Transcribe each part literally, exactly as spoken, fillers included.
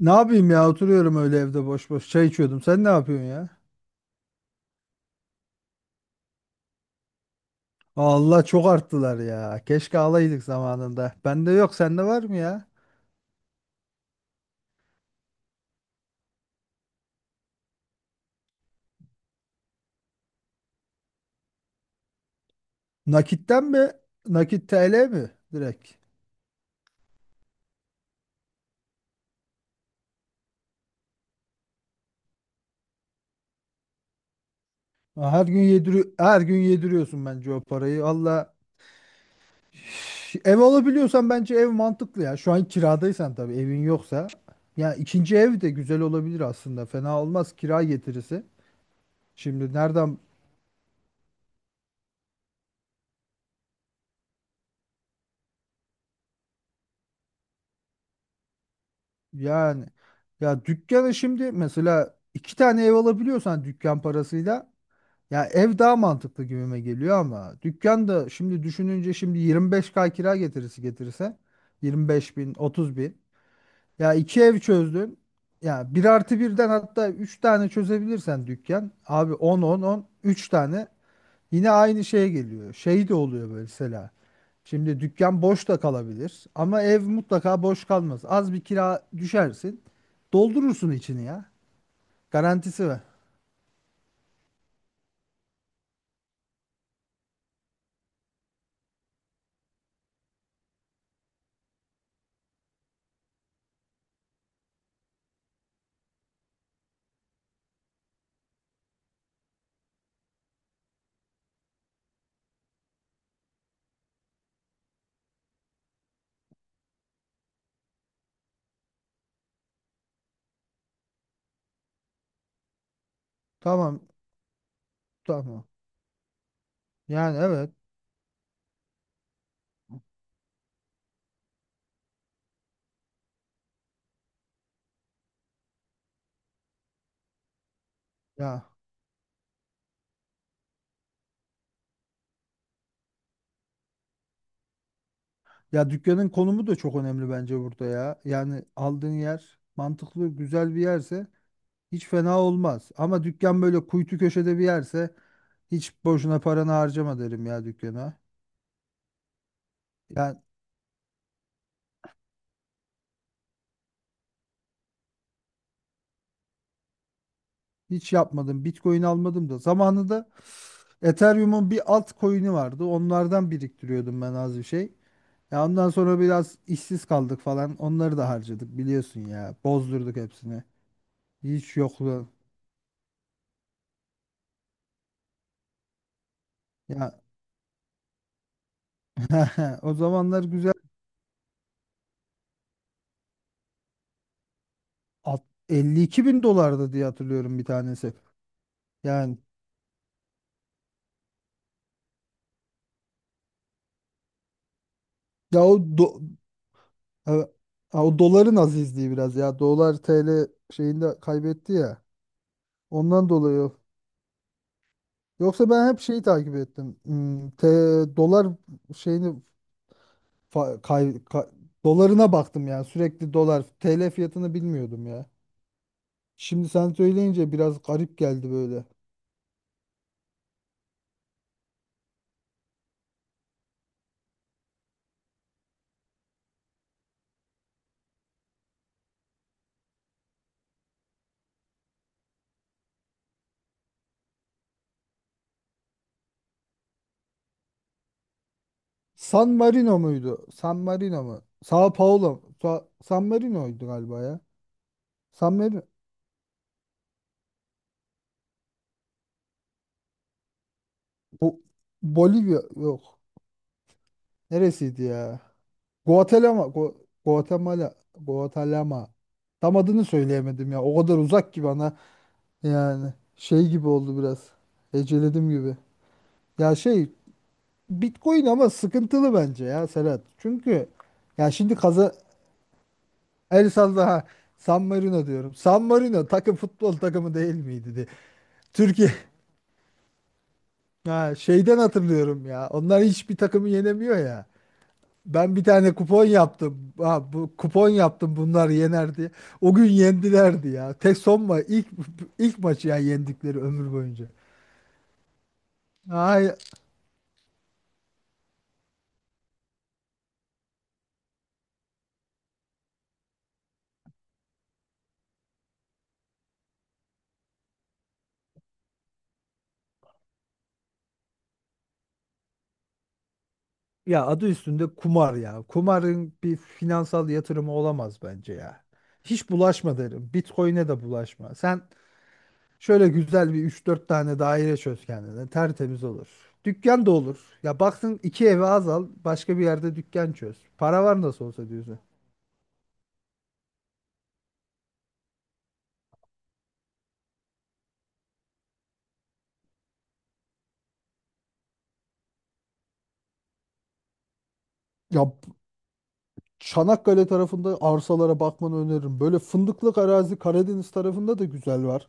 Ne yapayım ya oturuyorum öyle evde boş boş çay içiyordum. Sen ne yapıyorsun ya? Allah çok arttılar ya. Keşke alaydık zamanında. Bende yok, sende var mı ya? Nakitten mi? Nakit T L mi? Direkt. Ha, Her gün yediriyor, her gün yediriyorsun bence o parayı. Allah üf, ev alabiliyorsan bence ev mantıklı ya. Şu an kiradaysan, tabii, evin yoksa. Ya ikinci ev de güzel olabilir aslında. Fena olmaz kira getirisi. Şimdi nereden Yani, ya dükkanı şimdi mesela, iki tane ev alabiliyorsan dükkan parasıyla, ya ev daha mantıklı gibime geliyor. Ama dükkan da şimdi düşününce, şimdi yirmi beş K kira getirisi getirse, yirmi beş bin, otuz bin ya iki ev çözdün, ya bir artı birden hatta üç tane çözebilirsen dükkan abi, on on on, üç tane. Yine aynı şey geliyor. Şey de oluyor böyle mesela. Şimdi dükkan boş da kalabilir ama ev mutlaka boş kalmaz. Az bir kira düşersin. Doldurursun içini ya. Garantisi var. Tamam, tamam. Yani, evet ya. Ya dükkanın konumu da çok önemli bence burada ya. Yani aldığın yer mantıklı, güzel bir yerse hiç fena olmaz. Ama dükkan böyle kuytu köşede bir yerse, hiç boşuna paranı harcama derim ya, dükkana. Yani hiç yapmadım. Bitcoin almadım da zamanında. Ethereum'un bir altcoin'i vardı, onlardan biriktiriyordum ben az bir şey. Ya ondan sonra biraz işsiz kaldık falan. Onları da harcadık biliyorsun ya. Bozdurduk hepsini. Hiç yoklu. Ya o zamanlar güzel. Alt- elli iki bin dolardı diye hatırlıyorum bir tanesi. Yani ya o do- e, ha, o doların azizliği biraz ya. Dolar T L şeyinde kaybetti ya. Ondan dolayı. Yoksa ben hep şeyi takip ettim. Hmm, T, dolar şeyini Fa- kay- ka- dolarına baktım, yani sürekli dolar T L fiyatını bilmiyordum ya. Şimdi sen söyleyince biraz garip geldi böyle. San Marino muydu? San Marino mu? Sao Paulo mu? Sa- San Marino'ydu galiba ya. San Marino. Bu Bolivya, yok. Neresiydi ya? Guatemala. Gu- Guatemala. Guatemala. Tam adını söyleyemedim ya. O kadar uzak ki bana. Yani şey gibi oldu biraz. Heceledim gibi. Ya, şey, Bitcoin ama sıkıntılı bence ya, Serhat. Çünkü ya şimdi kaza el salla ha, San Marino diyorum. San Marino takım futbol takımı değil miydi diye? Türkiye ha, şeyden hatırlıyorum ya. Onlar hiçbir takımı yenemiyor ya. Ben bir tane kupon yaptım. Ha, bu kupon yaptım, bunlar yenerdi. O gün yendilerdi ya. Tek son ma ilk ilk maçı ya yendikleri ömür boyunca. Ya adı üstünde kumar ya. Kumarın bir finansal yatırımı olamaz bence ya. Hiç bulaşma derim. Bitcoin'e de bulaşma. Sen şöyle güzel bir üç dört tane daire çöz kendine. Tertemiz olur. Dükkan da olur. Ya baksın, iki eve az al. Başka bir yerde dükkan çöz. Para var nasıl olsa diyorsun. Ya Çanakkale tarafında arsalara bakmanı öneririm. Böyle fındıklık arazi Karadeniz tarafında da güzel var.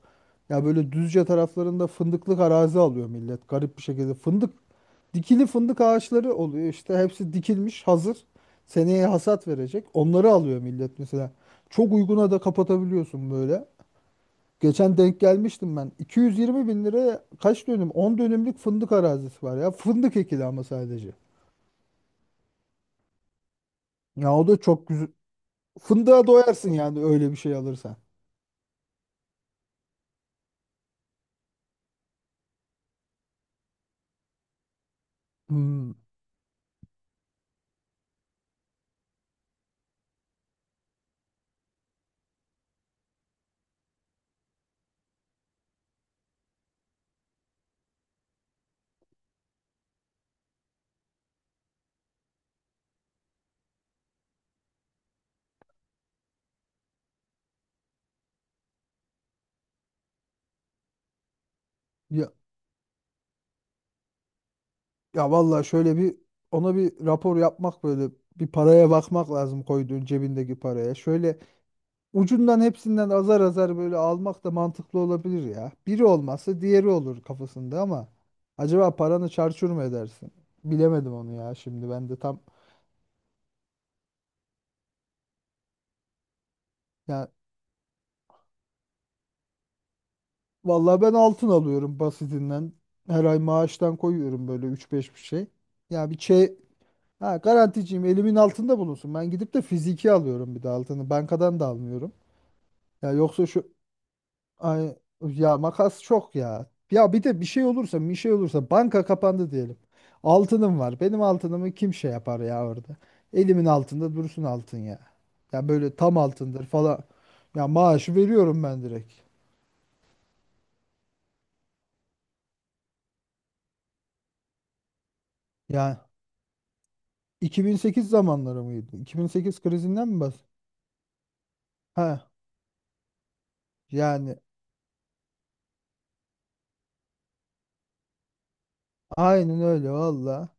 Ya böyle Düzce taraflarında fındıklık arazi alıyor millet, garip bir şekilde. Fındık, dikili fındık ağaçları oluyor işte, hepsi dikilmiş hazır. Seneye hasat verecek. Onları alıyor millet mesela. Çok uyguna da kapatabiliyorsun böyle. Geçen denk gelmiştim ben. iki yüz yirmi bin liraya kaç dönüm? On dönümlük fındık arazisi var ya. Fındık ekili ama sadece. Ya o da çok güzel. Fındığa doyarsın yani öyle bir şey alırsan. Hmm, ya, ya vallahi şöyle bir, ona bir rapor yapmak, böyle bir paraya bakmak lazım, koyduğun cebindeki paraya. Şöyle ucundan hepsinden azar azar böyle almak da mantıklı olabilir ya. Biri olmazsa diğeri olur kafasında ama acaba paranı çarçur mu edersin? Bilemedim onu ya. Şimdi ben de tam ya vallahi ben altın alıyorum basitinden. Her ay maaştan koyuyorum böyle üç beş bir şey. Ya bir şey Ha, garanticiyim, elimin altında bulunsun. Ben gidip de fiziki alıyorum bir de altını. Bankadan da almıyorum. Ya yoksa şu ay, ya makas çok ya. Ya bir de bir şey olursa bir şey olursa banka kapandı diyelim. Altınım var. Benim altınımı kim şey yapar ya orada. Elimin altında dursun altın ya. Ya böyle tam altındır falan. Ya maaşı veriyorum ben direkt. Ya iki bin sekiz zamanları mıydı? iki bin sekiz krizinden mi bas? Ha, yani aynen öyle valla.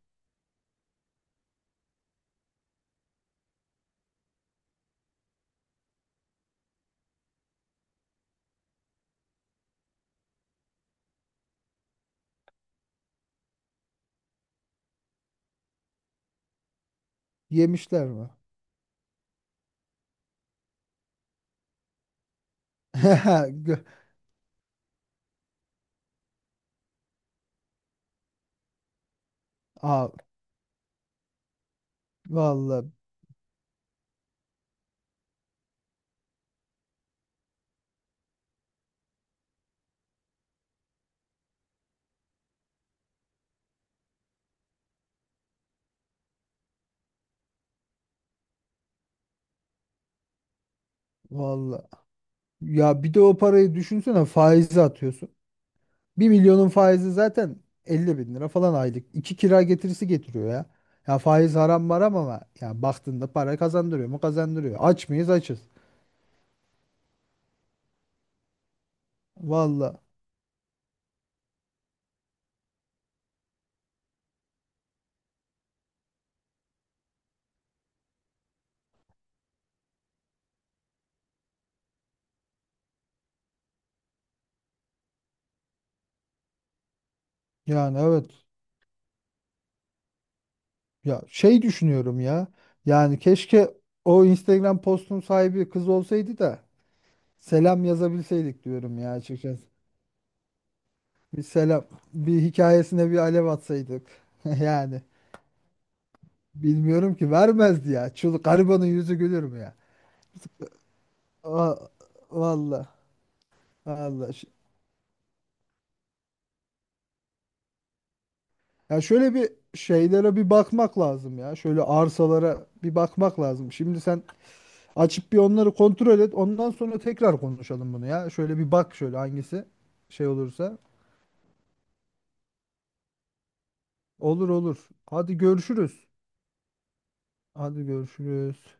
Yemişler mi? Gö- Aa, valla, valla. Ya bir de o parayı düşünsene, faize atıyorsun. Bir milyonun faizi zaten elli bin lira falan aylık. İki kira getirisi getiriyor ya. Ya, faiz haram maram ama ya baktığında para kazandırıyor mu, kazandırıyor. Aç mıyız, açız. Valla, yani evet. Ya şey düşünüyorum ya. Yani keşke o Instagram postunun sahibi kız olsaydı da selam yazabilseydik diyorum ya, açıkçası. Bir selam bir hikayesine bir alev atsaydık. Yani bilmiyorum ki, vermezdi ya. Çıl garibanın yüzü gülür mü ya? Aa, valla. Allah. ş- Ya şöyle bir şeylere bir bakmak lazım ya. Şöyle arsalara bir bakmak lazım. Şimdi sen açıp bir onları kontrol et. Ondan sonra tekrar konuşalım bunu ya. Şöyle bir bak şöyle hangisi şey olursa. Olur, olur. Hadi görüşürüz. Hadi görüşürüz.